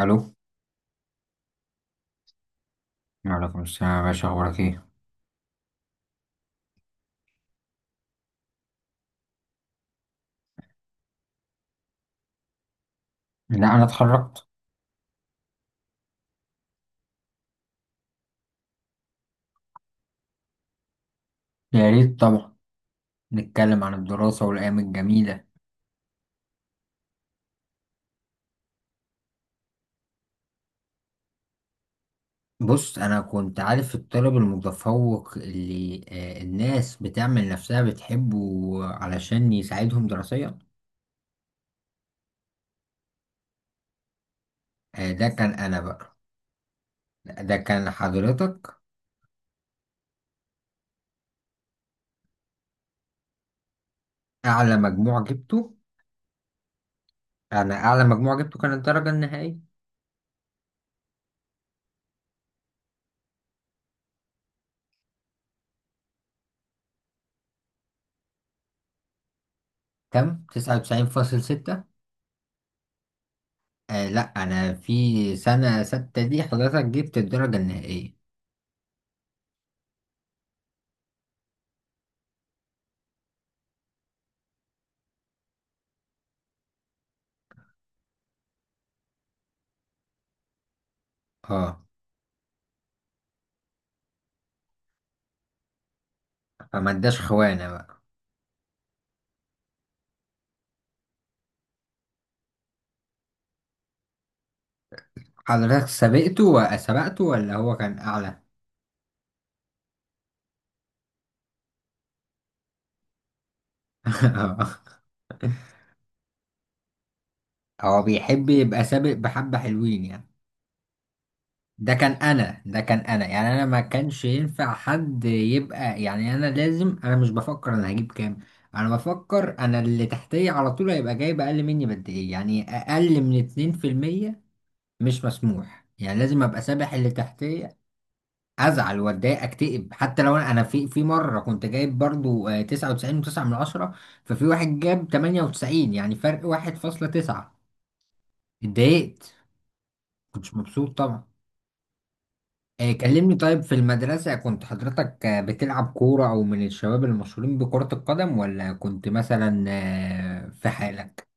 الو. وعليكم السلام يا باشا، اخبارك ايه؟ لا انا اتخرجت. يا ريت طبعا، نتكلم عن الدراسه والايام الجميله. بص، انا كنت عارف الطالب المتفوق اللي الناس بتعمل نفسها بتحبه علشان يساعدهم دراسيا. ده كان انا بقى، ده كان حضرتك. اعلى مجموع جبته؟ انا اعلى مجموع جبته كانت الدرجه النهائيه. كام 99.6؟ آه لا، انا في سنه ستة دي حضرتك جبت الدرجه النهائيه. اه، فما اداش خوانة بقى. حضرتك سبقته سبقته ولا هو كان أعلى؟ هو بيحب يبقى سابق بحبة حلوين يعني. ده كان أنا، ده كان أنا، يعني أنا ما كانش ينفع حد يبقى، يعني أنا لازم، أنا مش بفكر أنا هجيب كام، أنا بفكر أنا اللي تحتية على طول هيبقى جايب أقل مني بقد إيه، يعني أقل من 2%. مش مسموح، يعني لازم أبقى سابح اللي تحتية. ازعل واتضايق اكتئب حتى لو انا أنا في في مره كنت جايب برضو 99 و9 من عشرة، ففي واحد جاب 98، يعني فرق 1.9. اتضايقت. كنتش مبسوط طبعا. كلمني، طيب في المدرسه كنت حضرتك بتلعب كوره او من الشباب المشهورين بكره القدم، ولا كنت مثلا في حالك؟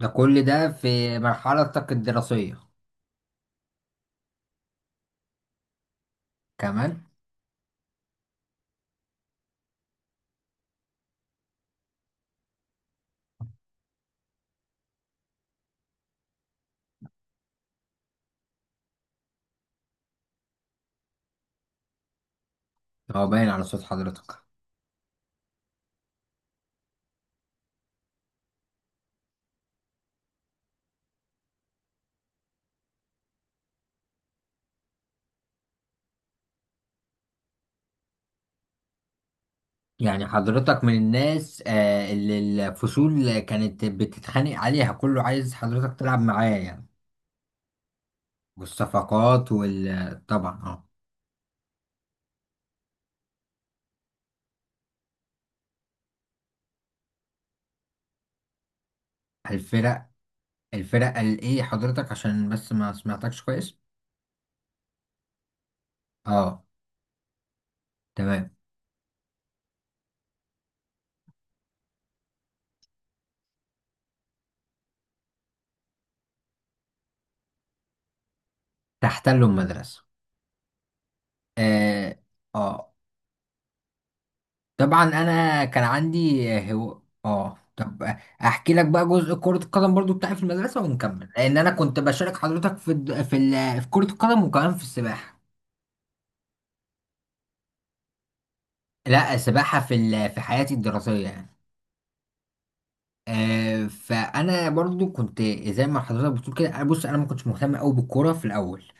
ده كل ده في مرحلتك الدراسيه كمان؟ هو باين على صوت حضرتك. يعني حضرتك من الناس اللي الفصول كانت بتتخانق عليها، كله عايز حضرتك تلعب معاه يعني؟ والصفقات وال، طبعا اه. الفرق، الفرق قال ايه حضرتك؟ عشان بس ما سمعتكش كويس. اه تمام. تحتلوا المدرسة. اه اه طبعا. انا كان عندي هو اه، طب احكي لك بقى جزء كرة القدم برضو بتاعي في المدرسة ونكمل، لان انا كنت بشارك حضرتك في كرة القدم وكمان في السباحة. لا، سباحة في حياتي الدراسية يعني. فأنا برضو كنت زي ما حضرتك بتقول كده، أنا، بص، أنا ما كنتش مهتم أوي بالكورة في الأول.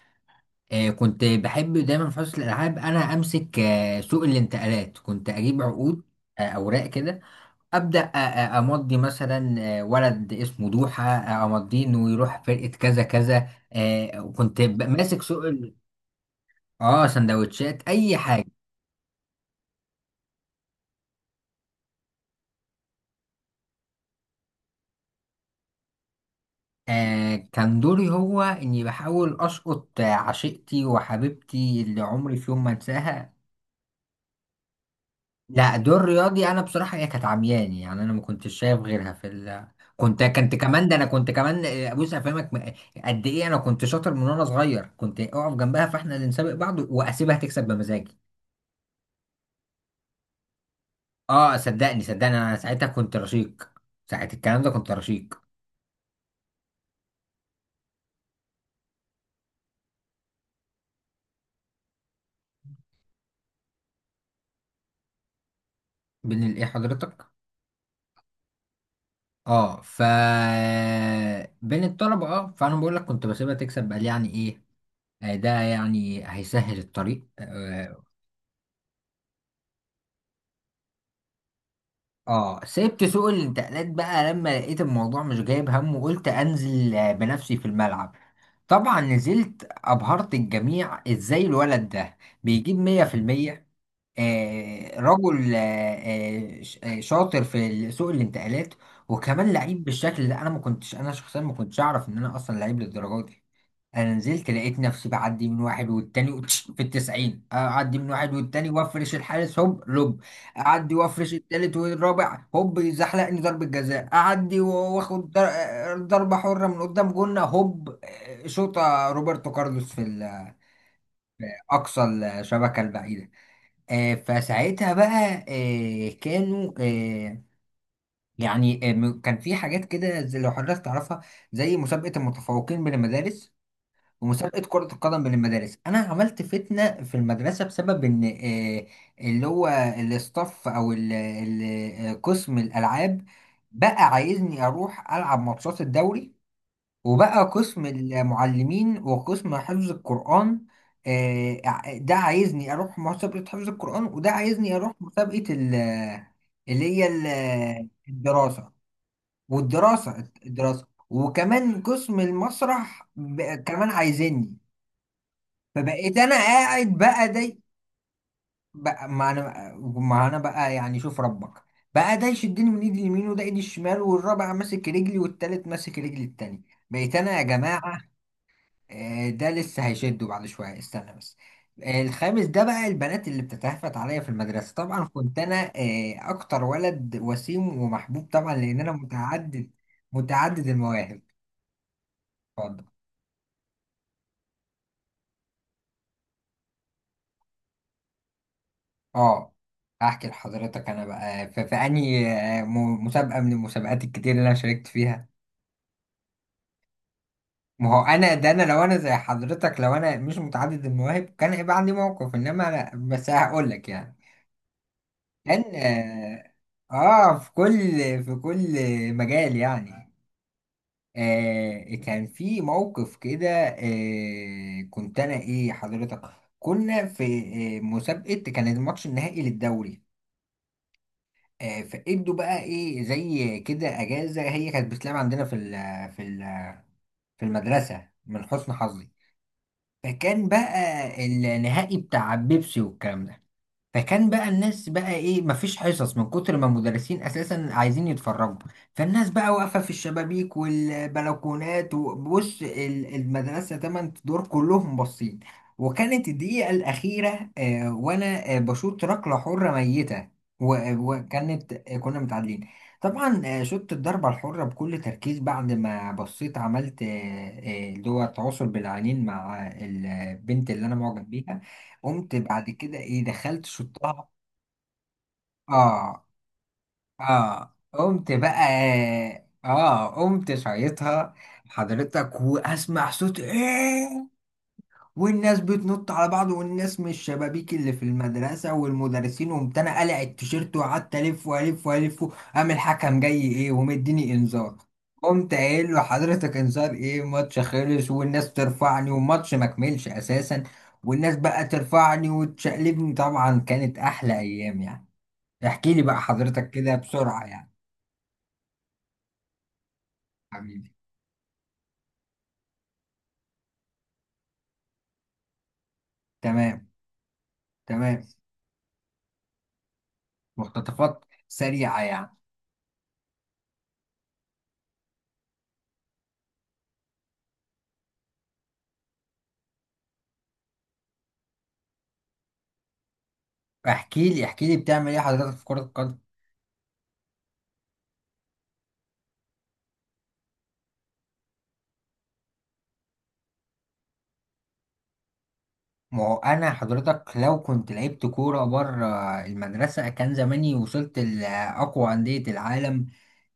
كنت بحب دايما في حصة الألعاب أنا أمسك سوق الانتقالات، كنت أجيب عقود، أوراق كده. أبدأ أمضي مثلا ولد اسمه دوحة، أمضيه إنه يروح فرقة كذا كذا. وكنت ماسك سوق اه، سندوتشات أي حاجة. آه، كان دوري هو إني بحاول أسقط عشيقتي وحبيبتي اللي عمري في يوم ما أنساها. لا، دور رياضي، أنا بصراحة هي كانت عمياني، يعني أنا ما كنتش شايف غيرها في ال. كنت كمان، ده أنا كنت كمان بص، أفهمك قد إيه أنا كنت شاطر من وأنا صغير، كنت أقف جنبها فإحنا اللي نسابق بعض، وأسيبها تكسب بمزاجي. أه، صدقني، صدقني أنا ساعتها كنت رشيق، ساعة الكلام ده كنت رشيق. بين الإيه حضرتك؟ اه، ف، بين الطلبة، اه، فانا بقول لك كنت بسيبها تكسب، قال يعني ايه. ده يعني هيسهل الطريق، اه. سبت سوق الانتقالات بقى لما لقيت الموضوع مش جايب هم، وقلت انزل بنفسي في الملعب. طبعا نزلت، ابهرت الجميع، ازاي الولد ده بيجيب 100%. آه، رجل، آه، شاطر سوق الانتقالات، وكمان لعيب بالشكل ده. انا شخصيا ما كنتش اعرف ان انا اصلا لعيب للدرجه دي. انا نزلت لقيت نفسي بعدي من واحد والتاني في التسعين، اعدي من واحد والتاني وافرش الحارس هوب، لوب. اعدي وافرش التالت والرابع هوب، يزحلقني ضربة جزاء، اعدي واخد ضربة حرة من قدام جنة هوب، شوطة روبرتو كارلوس في ال، اقصى الشبكة البعيدة. فساعتها بقى، كانوا، يعني كان في حاجات كده، زي لو حضرتك تعرفها، زي مسابقة المتفوقين بين المدارس، ومسابقة كرة القدم بين المدارس. أنا عملت فتنة في المدرسة بسبب إن اللي هو الاستاف أو قسم الألعاب بقى عايزني أروح ألعب ماتشات الدوري، وبقى قسم المعلمين وقسم حفظ القرآن ده عايزني أروح مسابقة حفظ القرآن، وده عايزني أروح مسابقة اللي هي الدراسة. والدراسة، الدراسة، وكمان قسم المسرح كمان عايزني. فبقيت انا قاعد بقى داي بقى، ما انا بقى يعني شوف ربك بقى، ده يشدني من ايدي اليمين، وده ايدي الشمال، والرابع ماسك رجلي، والتالت ماسك رجلي التاني. بقيت انا يا جماعة، ده لسه هيشده بعد شوية استنى بس. الخامس ده بقى البنات اللي بتتهفت عليا في المدرسة، طبعا كنت انا اكتر ولد وسيم ومحبوب، طبعا لان انا متعدد، متعدد المواهب. اتفضل. اه، احكي لحضرتك انا بقى في انهي مسابقه من المسابقات الكتير اللي انا شاركت فيها. ما هو انا، ده انا لو انا زي حضرتك، لو انا مش متعدد المواهب كان هيبقى عندي موقف، انما انا بس هقول لك يعني كان اه آه، في كل في كل مجال يعني. آه، كان في موقف كده، آه كنت انا ايه حضرتك، كنا في مسابقه، كان الماتش النهائي للدوري. فادوا بقى ايه زي كده اجازه، هي كانت بتلعب عندنا في ال في المدرسه من حسن حظي. فكان بقى النهائي بتاع بيبسي والكلام ده. فكان بقى الناس بقى ايه، مفيش حصص من كتر ما المدرسين اساسا عايزين يتفرجوا. فالناس بقى واقفه في الشبابيك والبلكونات، وبص المدرسه تمن دور كلهم باصين. وكانت الدقيقه الاخيره، آه وانا آه بشوط ركله حره ميته. وكانت آه كنا متعادلين. طبعا، آه، شوت الضربه الحره بكل تركيز بعد ما بصيت، عملت اللي هو التواصل بالعينين مع البنت اللي انا معجب بيها. قمت بعد كده ايه، دخلت شطها. اه اه، قمت بقى اه قمت شايطها حضرتك، واسمع صوت ايه، والناس بتنط على بعض، والناس من الشبابيك اللي في المدرسة والمدرسين. قمت انا قلع التيشيرت وقعدت الف والف والف. قام الحكم جاي ايه ومديني انذار. قمت قايل له حضرتك انذار ايه، ماتش خلص والناس ترفعني والماتش ما كملش اساسا. والناس بقى ترفعني وتشقلبني. طبعا كانت احلى ايام يعني. احكي لي بقى حضرتك كده بسرعة يعني. حبيبي. تمام. تمام. مقتطفات سريعة يعني. احكي لي، احكي لي، بتعمل ايه حضرتك في كرة القدم؟ ما هو انا حضرتك لو كنت لعبت كوره بره المدرسه كان زماني وصلت لاقوى انديه العالم،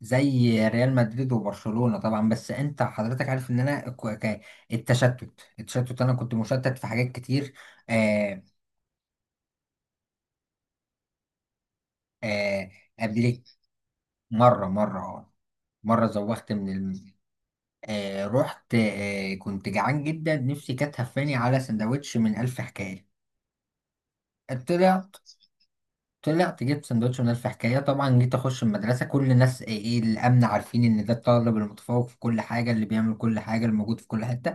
زي ريال مدريد وبرشلونه، طبعا. بس انت حضرتك عارف ان انا التشتت. التشتت انا كنت مشتت في حاجات كتير. آه. آه، قبل إيه؟ مره اه، مرة زوغت من الم... آه رحت، آه كنت جعان جدا، نفسي كانت هفاني على سندوتش من ألف حكاية. طلع، طلعت جبت سندوتش من ألف حكاية. طبعا جيت أخش المدرسة، كل الناس إيه إيه، الأمن عارفين إن ده الطالب المتفوق في كل حاجة اللي بيعمل كل حاجة، الموجود في كل حتة.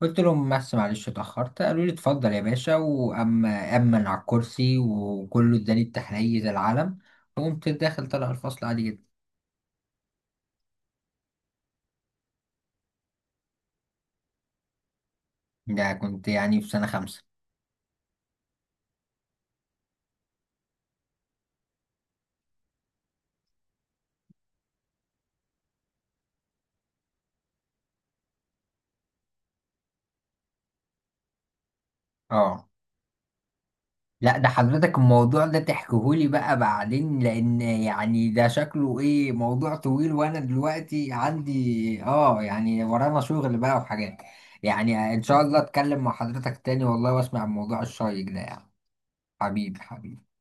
قلت لهم بس معلش اتأخرت، قالوا لي اتفضل يا باشا، وأما أمن على الكرسي وكله، اداني التحلية العلم. وقمت داخل طالع الفصل عادي جدا. ده كنت يعني في سنة خمسة. اه لا، ده حضرتك الموضوع ده تحكيهولي بقى بعدين، لان يعني ده شكله ايه موضوع طويل، وانا دلوقتي عندي اه يعني ورانا شغل بقى وحاجات. يعني ان شاء الله اتكلم مع حضرتك تاني والله، واسمع الموضوع الشيق ده يعني. حبيبي حبيبي.